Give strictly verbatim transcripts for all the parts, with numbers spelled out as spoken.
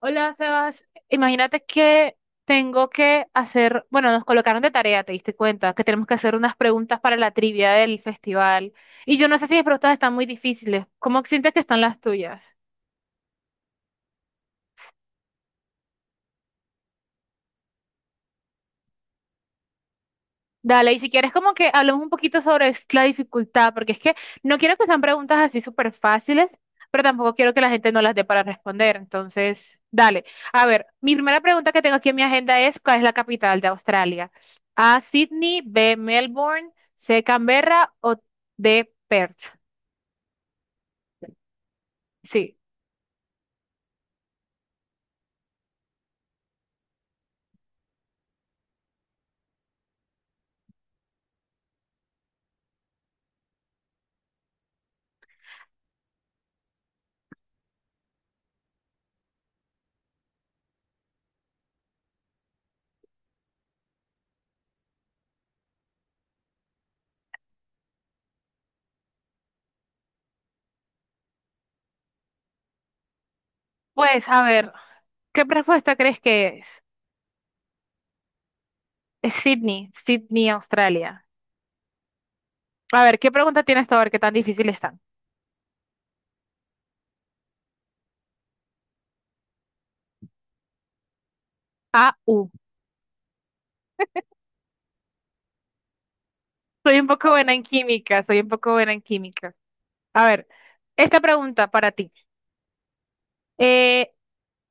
Hola, Sebas. Imagínate que tengo que hacer, bueno, nos colocaron de tarea, te diste cuenta, que tenemos que hacer unas preguntas para la trivia del festival. Y yo no sé si mis preguntas están muy difíciles. ¿Cómo sientes que están las tuyas? Dale, y si quieres como que hablemos un poquito sobre es- la dificultad, porque es que no quiero que sean preguntas así súper fáciles, pero tampoco quiero que la gente no las dé para responder. Entonces, dale. A ver, mi primera pregunta que tengo aquí en mi agenda es, ¿cuál es la capital de Australia? A, Sydney, B, Melbourne, C, Canberra o D, Perth. Sí. Pues, a ver, ¿qué respuesta crees que es? Es Sydney, Sydney, Australia. A ver, ¿qué pregunta tienes tú? A ver, qué tan difícil están. A, soy un poco buena en química, soy un poco buena en química. A ver, esta pregunta para ti. Eh,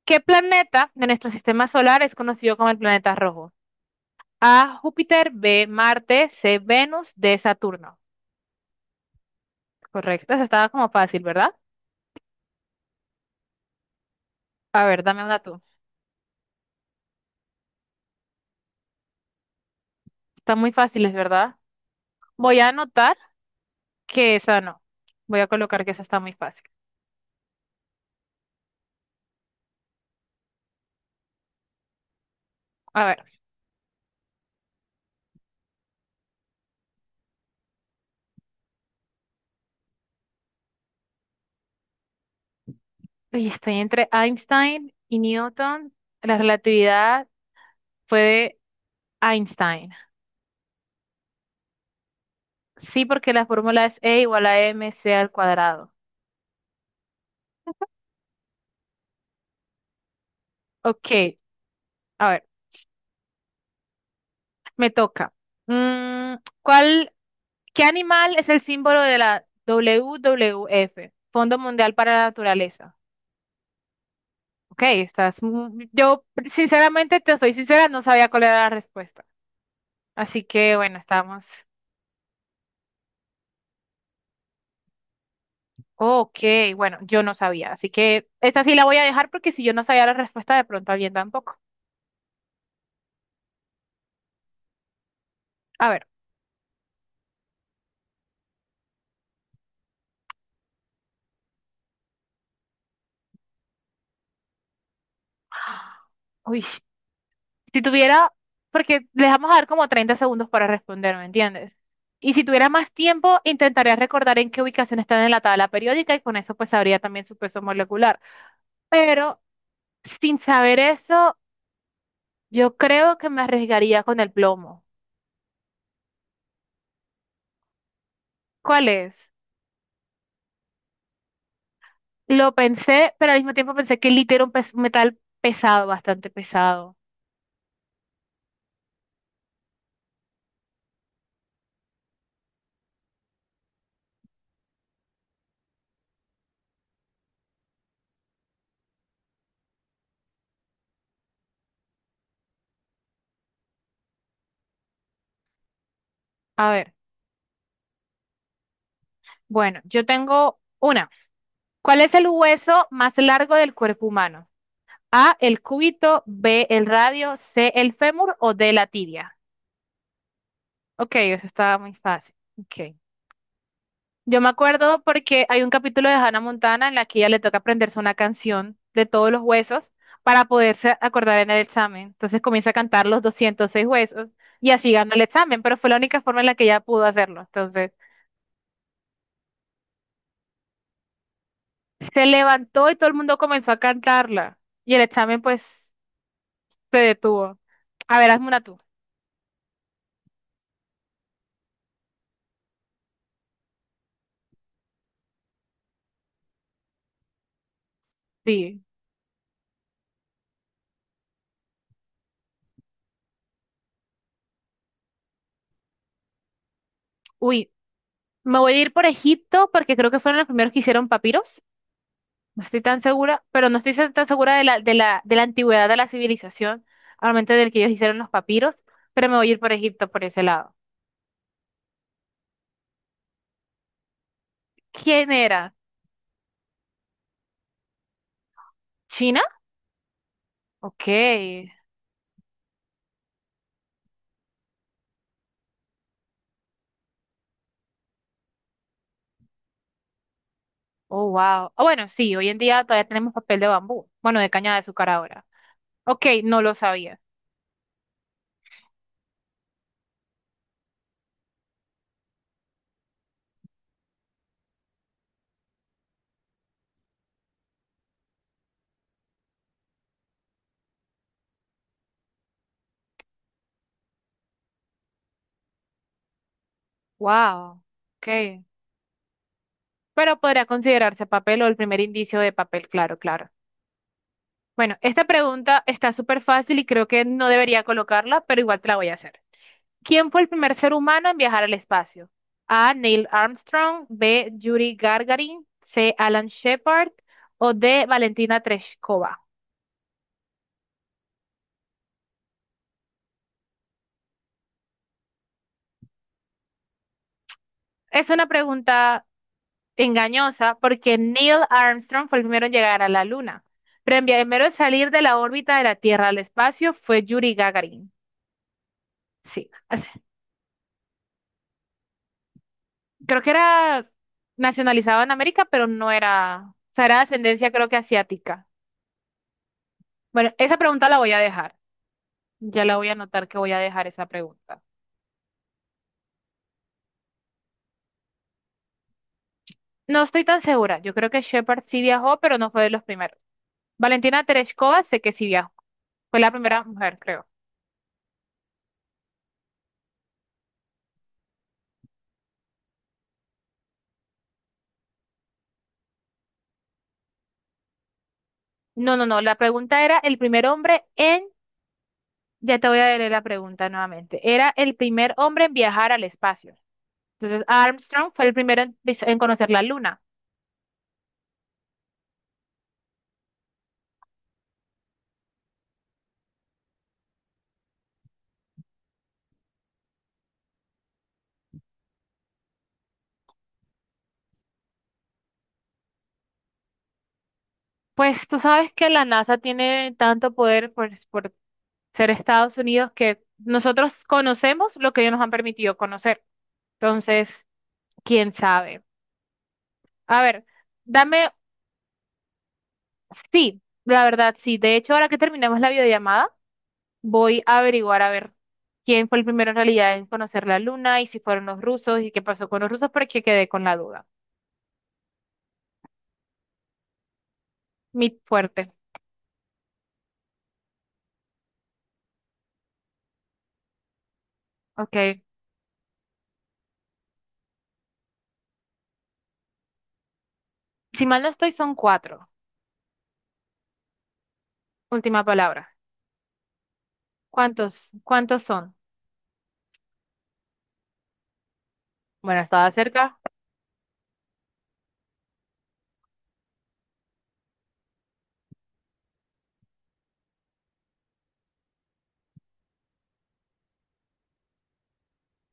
¿qué planeta de nuestro sistema solar es conocido como el planeta rojo? A, Júpiter, B, Marte, C, Venus, D, Saturno. Correcto, eso estaba como fácil, ¿verdad? A ver, dame una tú. Está muy fácil, es verdad. Voy a anotar que esa no. Voy a colocar que esa está muy fácil. A ver, uy, estoy entre Einstein y Newton. La relatividad fue de Einstein. Sí, porque la fórmula es E igual a m MC al cuadrado. Ok, a ver, me toca. Mm, ¿cuál, qué animal es el símbolo de la W W F? Fondo Mundial para la Naturaleza. Ok, estás. mu- Yo, sinceramente, te soy sincera, no sabía cuál era la respuesta. Así que, bueno, estamos. Ok, bueno, yo no sabía. Así que esta sí la voy a dejar porque si yo no sabía la respuesta, de pronto alguien tampoco. A ver. Uy. Si tuviera, porque les vamos a dar como treinta segundos para responder, ¿me entiendes? Y si tuviera más tiempo, intentaría recordar en qué ubicación están en la tabla periódica y con eso pues sabría también su peso molecular. Pero sin saber eso, yo creo que me arriesgaría con el plomo. ¿Cuál es? Lo pensé, pero al mismo tiempo pensé que el litio era un pes- metal pesado, bastante pesado. A ver, bueno, yo tengo una. ¿Cuál es el hueso más largo del cuerpo humano? A, el cúbito, B, el radio, C, el fémur o D, la tibia. Ok, eso estaba muy fácil. Ok. Yo me acuerdo porque hay un capítulo de Hannah Montana en la que ella le toca aprenderse una canción de todos los huesos para poderse acordar en el examen. Entonces comienza a cantar los doscientos seis huesos y así ganó el examen, pero fue la única forma en la que ella pudo hacerlo. Entonces se levantó y todo el mundo comenzó a cantarla y el examen pues se detuvo. A ver, hazme una tú. Sí. Uy, me voy a ir por Egipto porque creo que fueron los primeros que hicieron papiros. No estoy tan segura, pero no estoy tan segura de la, de la, de la antigüedad de la civilización, al momento del que ellos hicieron los papiros, pero me voy a ir por Egipto por ese lado. ¿Quién era? ¿China? Ok. Oh, wow. Ah, bueno, sí, hoy en día todavía tenemos papel de bambú. Bueno, de caña de azúcar ahora. Ok, no lo sabía. Wow. Ok. Pero podría considerarse papel o el primer indicio de papel, claro, claro. Bueno, esta pregunta está súper fácil y creo que no debería colocarla, pero igual te la voy a hacer. ¿Quién fue el primer ser humano en viajar al espacio? A, Neil Armstrong, B, Yuri Gagarin, C, Alan Shepard o D, Valentina Tereshkova. Es una pregunta engañosa porque Neil Armstrong fue el primero en llegar a la Luna, pero el primero en salir de la órbita de la Tierra al espacio fue Yuri Gagarin. Sí, creo que era nacionalizado en América, pero no era, o sea, era de ascendencia creo que asiática. Bueno, esa pregunta la voy a dejar. Ya la voy a anotar que voy a dejar esa pregunta. No estoy tan segura. Yo creo que Shepard sí viajó, pero no fue de los primeros. Valentina Tereshkova sé que sí viajó. Fue la primera mujer, creo. No, no, no. La pregunta era el primer hombre en... Ya te voy a leer la pregunta nuevamente. Era el primer hombre en viajar al espacio. Entonces, Armstrong fue el primero en, vis- en conocer la luna. Pues tú sabes que la NASA tiene tanto poder por, por ser Estados Unidos que nosotros conocemos lo que ellos nos han permitido conocer. Entonces, quién sabe. A ver, dame, sí, la verdad, sí. De hecho, ahora que terminemos la videollamada, voy a averiguar a ver quién fue el primero en realidad en conocer la Luna y si fueron los rusos y qué pasó con los rusos, porque quedé con la duda. Mi fuerte. Ok. Si mal no estoy, son cuatro. Última palabra. ¿Cuántos? ¿Cuántos son? Bueno, estaba cerca.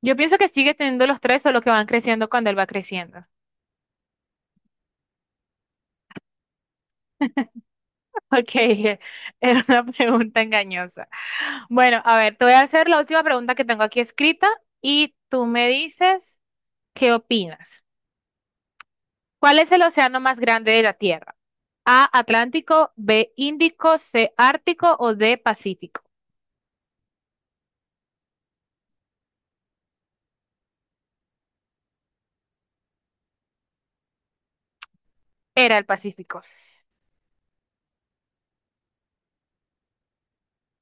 Yo pienso que sigue teniendo los tres, solo que van creciendo cuando él va creciendo. Ok, eh, era una pregunta engañosa. Bueno, a ver, te voy a hacer la última pregunta que tengo aquí escrita y tú me dices qué opinas. ¿Cuál es el océano más grande de la Tierra? A, Atlántico, B, Índico, C, Ártico o D, Pacífico. Era el Pacífico.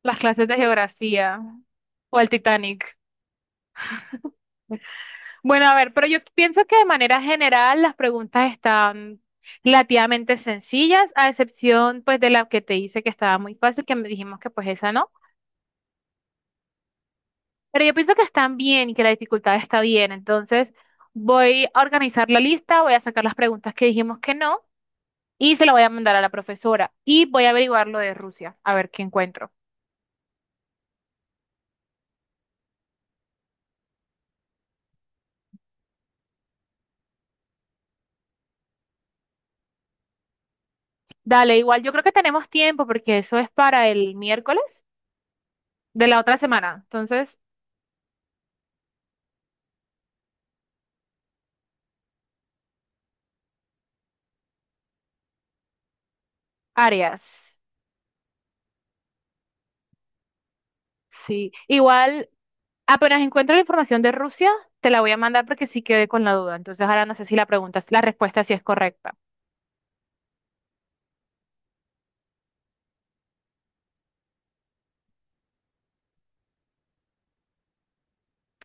Las clases de geografía o el Titanic. Bueno, a ver, pero yo pienso que de manera general las preguntas están relativamente sencillas, a excepción pues de la que te hice que estaba muy fácil, que me dijimos que pues esa no. Pero yo pienso que están bien y que la dificultad está bien. Entonces voy a organizar la lista, voy a sacar las preguntas que dijimos que no y se las voy a mandar a la profesora y voy a averiguar lo de Rusia, a ver qué encuentro. Dale, igual yo creo que tenemos tiempo porque eso es para el miércoles de la otra semana. Entonces, Arias. Sí, igual apenas encuentro la información de Rusia, te la voy a mandar porque sí quedé con la duda. Entonces ahora no sé si la pregunta, la respuesta sí es correcta.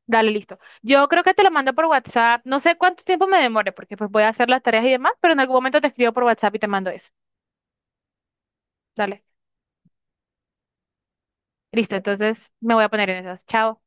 Dale, listo. Yo creo que te lo mando por WhatsApp. No sé cuánto tiempo me demore porque pues voy a hacer las tareas y demás, pero en algún momento te escribo por WhatsApp y te mando eso. Dale. Listo, entonces me voy a poner en esas. Chao.